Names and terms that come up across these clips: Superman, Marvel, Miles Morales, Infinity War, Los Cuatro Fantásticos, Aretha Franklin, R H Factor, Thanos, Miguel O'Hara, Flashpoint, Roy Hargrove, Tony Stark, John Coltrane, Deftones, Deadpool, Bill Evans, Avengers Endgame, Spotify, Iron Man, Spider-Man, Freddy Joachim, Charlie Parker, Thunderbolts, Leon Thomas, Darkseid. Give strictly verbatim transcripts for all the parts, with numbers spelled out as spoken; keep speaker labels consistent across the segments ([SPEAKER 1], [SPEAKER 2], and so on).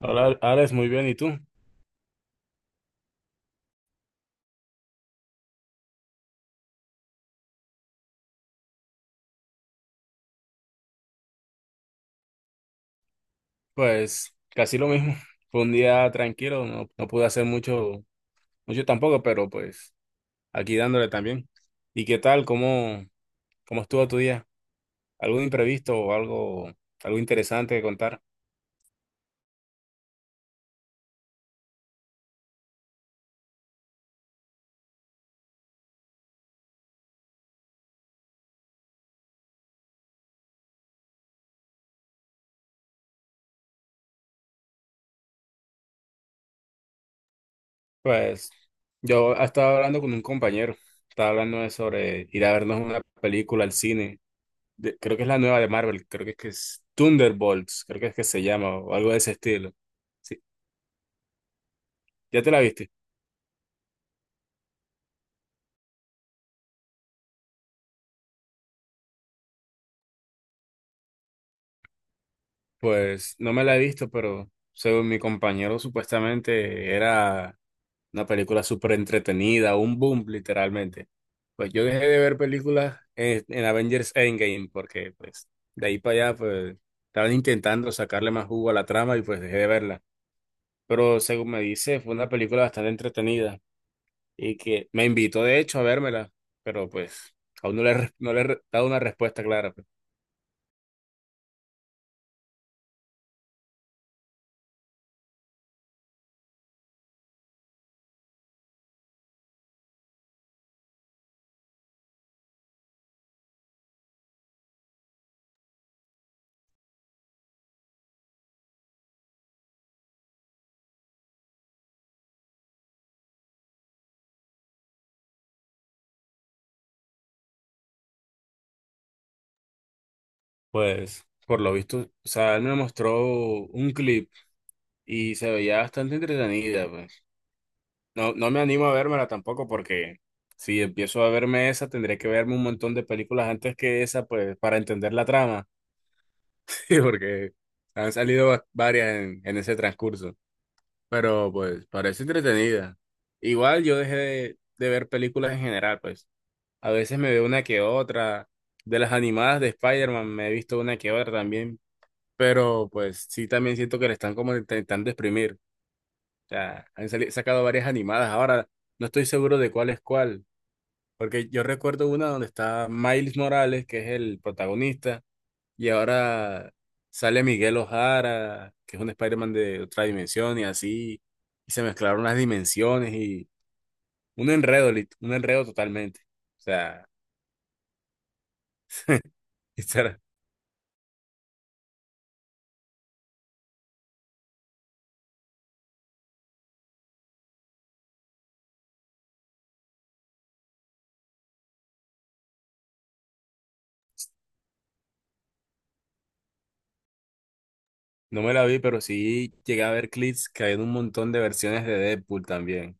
[SPEAKER 1] Hola, Alex, muy bien. ¿Y tú? Pues casi lo mismo. Fue un día tranquilo, no, no pude hacer mucho, mucho tampoco, pero pues aquí dándole también. ¿Y qué tal? ¿Cómo, ¿cómo estuvo tu día? ¿Algo imprevisto o algo, ¿Algo interesante que contar? Pues yo estaba hablando con un compañero, estaba hablando de sobre ir a vernos una película al cine. De- creo que es la nueva de Marvel, creo que es, que es Thunderbolts, creo que es que se llama o algo de ese estilo. Sí, ¿ya te la viste? Pues no me la he visto, pero según mi compañero, supuestamente era una película súper entretenida, un boom literalmente. Pues yo dejé de ver películas en, en Avengers Endgame porque pues de ahí para allá pues estaban intentando sacarle más jugo a la trama y pues dejé de verla. Pero según me dice, fue una película bastante entretenida y que me invitó de hecho a vérmela, pero pues aún no le, he re- no le he re- dado una respuesta clara. Pues pues, por lo visto, o sea, él me mostró un clip y se veía bastante entretenida, pues. No, no me animo a vérmela tampoco porque si empiezo a verme esa, tendré que verme un montón de películas antes que esa, pues, para entender la trama. Sí, porque han salido va- varias en, en ese transcurso. Pero, pues, parece entretenida. Igual yo dejé de, de ver películas en general, pues. A veces me veo una que otra. De las animadas de Spider-Man me he visto una que otra también. Pero, pues, sí también siento que le están como intentando exprimir. O sea, han sali- sacado varias animadas. Ahora, no estoy seguro de cuál es cuál, porque yo recuerdo una donde está Miles Morales, que es el protagonista, y ahora sale Miguel O'Hara, que es un Spider-Man de otra dimensión, y así, y se mezclaron las dimensiones, y un enredo, lit- un enredo totalmente. O sea, esta no me la vi, pero sí llegué a ver clips que hay un montón de versiones de Deadpool también.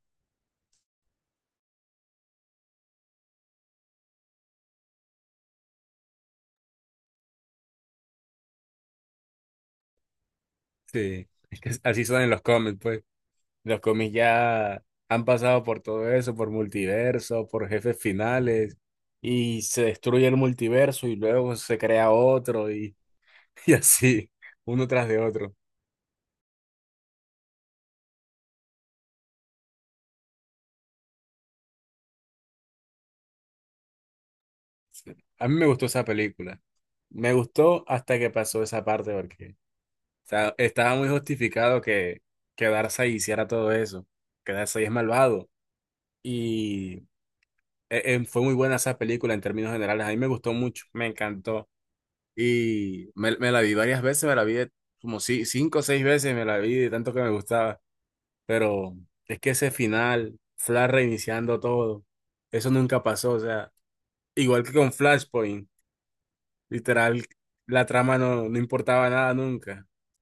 [SPEAKER 1] Sí, es que así son en los cómics, pues. Los cómics ya han pasado por todo eso, por multiverso, por jefes finales, y se destruye el multiverso y luego se crea otro y, y así, uno tras de otro. A mí me gustó esa película. Me gustó hasta que pasó esa parte porque o sea, estaba muy justificado que, que Darkseid hiciera todo eso, que Darkseid es malvado. Y eh, eh, fue muy buena esa película en términos generales. A mí me gustó mucho, me encantó. Y me, me la vi varias veces, me la vi de- como si, cinco o seis veces, me la vi de tanto que me gustaba. Pero es que ese final, Flash reiniciando todo, eso nunca pasó. O sea, igual que con Flashpoint, literal, la trama no, no importaba nada nunca.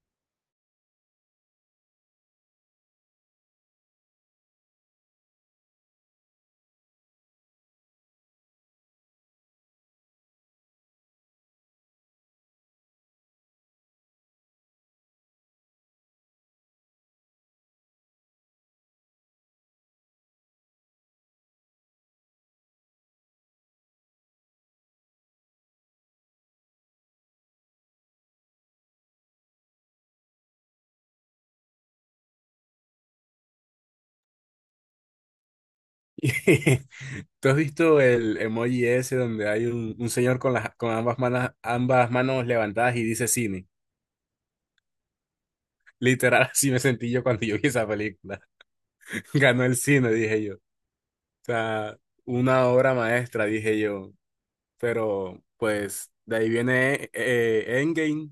[SPEAKER 1] Y ¿tú has visto el emoji ese donde hay un, un señor con, las, con ambas manos, ambas manos levantadas y dice cine? Literal, así me sentí yo cuando yo vi esa película. Ganó el cine, dije yo. Sea, una obra maestra, dije yo. Pero, pues, de ahí viene eh, Endgame,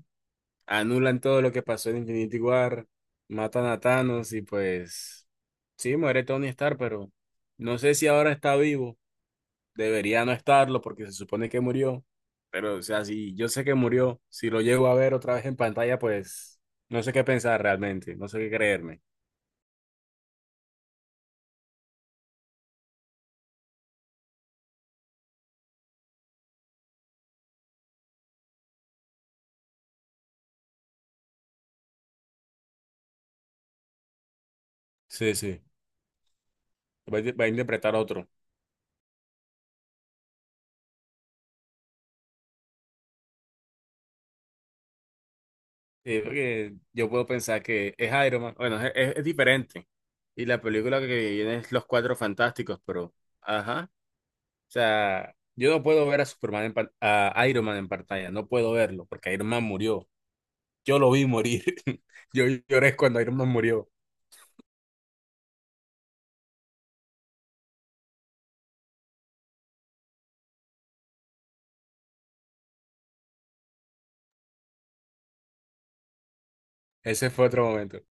[SPEAKER 1] anulan todo lo que pasó en Infinity War, matan a Thanos y pues, sí, muere Tony Stark, pero no sé si ahora está vivo. Debería no estarlo porque se supone que murió. Pero, o sea, si yo sé que murió, si lo llego a ver otra vez en pantalla, pues, no sé qué pensar realmente, no sé qué creerme. Sí, sí, va a va a interpretar otro. Sí, porque yo puedo pensar que es Iron Man. Bueno, es, es- es diferente. Y la película que viene es Los Cuatro Fantásticos, pero, ajá. O sea, yo no puedo ver a Superman en par- a Iron Man en pantalla, no puedo verlo, porque Iron Man murió. Yo lo vi morir. Yo lloré cuando Iron Man murió. Ese fue otro momento.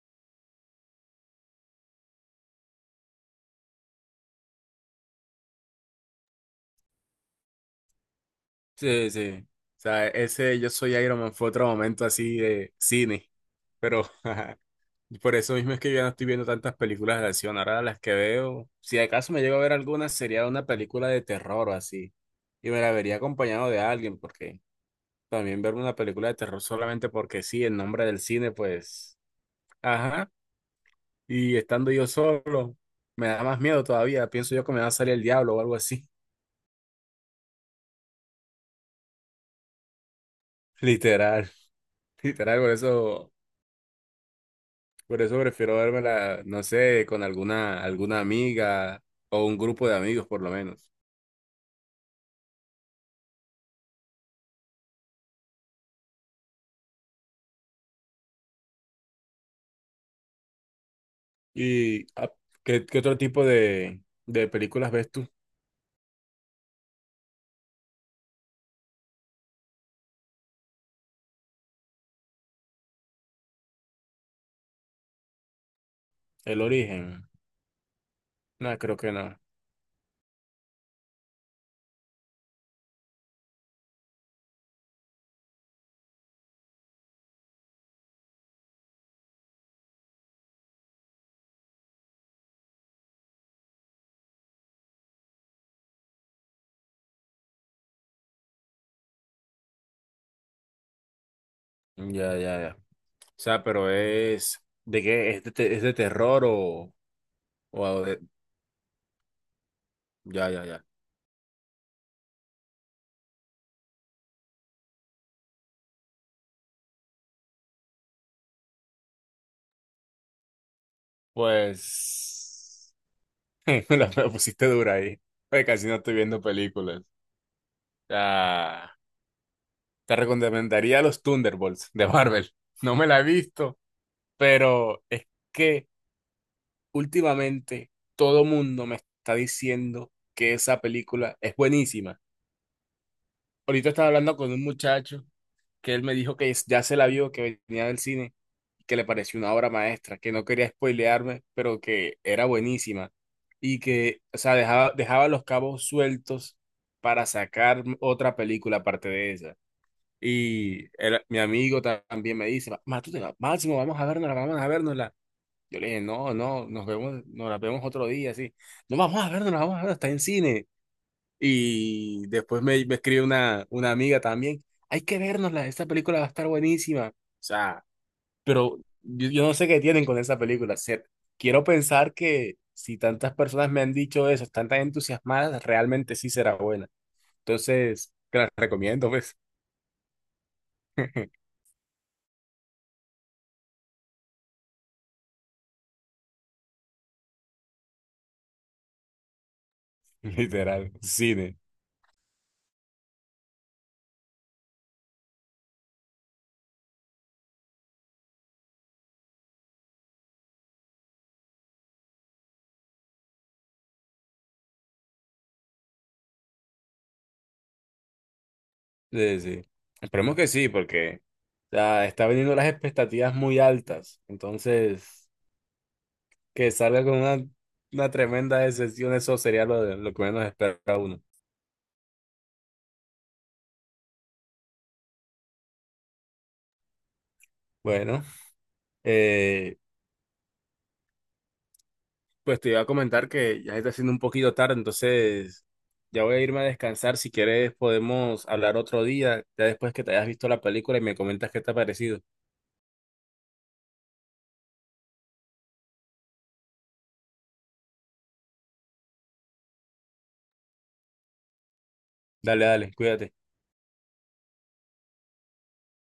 [SPEAKER 1] Sí, sí. O sea, ese yo soy Iron Man fue otro momento así de cine. Pero, y por eso mismo es que yo ya no estoy viendo tantas películas de acción. Ahora las que veo, si acaso me llego a ver alguna, sería una película de terror o así. Y me la vería acompañado de alguien, porque también verme una película de terror solamente porque sí, en nombre del cine, pues, ajá. Y estando yo solo, me da más miedo todavía. Pienso yo que me va a salir el diablo o algo así. Literal, literal, por eso, por eso prefiero vérmela no sé, con alguna, alguna amiga o un grupo de amigos por lo menos. ¿Y ah, qué, qué otro tipo de, de películas ves tú? El origen. No, creo que no. Ya, ya, ya. O sea, pero es de qué es de, te- es de terror o, o algo de- ya, ya, ya. Pues me la, me la pusiste dura ahí. Oye, casi no estoy viendo películas. Ah, te recomendaría los Thunderbolts de Marvel. No me la he visto, pero es que últimamente, todo mundo me está diciendo que esa película es buenísima. Ahorita estaba hablando con un muchacho que él me dijo que es- ya se la vio, que venía del cine, que le pareció una obra maestra, que no quería spoilearme, pero que era buenísima. Y que, o sea, dejaba, dejaba los cabos sueltos para sacar otra película aparte de esa. Y era- mi amigo ta- también me dice, "Ma- Matute, Máximo, vamos a vernosla, vamos a vernosla". Yo le dije, no, no, nos vemos, nos la vemos otro día, así. No vamos a ver, no la vamos a ver, está en cine. Y después me, me escribe una, una amiga también, hay que vernosla, esta película va a estar buenísima. O sea, pero yo, yo no sé qué tienen con esa película. O sea, quiero pensar que si tantas personas me han dicho eso, están tan entusiasmadas, realmente sí será buena. Entonces, te la recomiendo, pues, literal, cine. Sí, sí. Esperemos que sí, porque o sea, está viniendo las expectativas muy altas. Entonces, que salga con una, una tremenda decepción, eso sería lo, de- lo que menos espera uno. Bueno, eh, pues te iba a comentar que ya está siendo un poquito tarde, entonces ya voy a irme a descansar. Si quieres, podemos hablar otro día, ya después que te hayas visto la película y me comentas qué te ha parecido. Dale, dale, cuídate.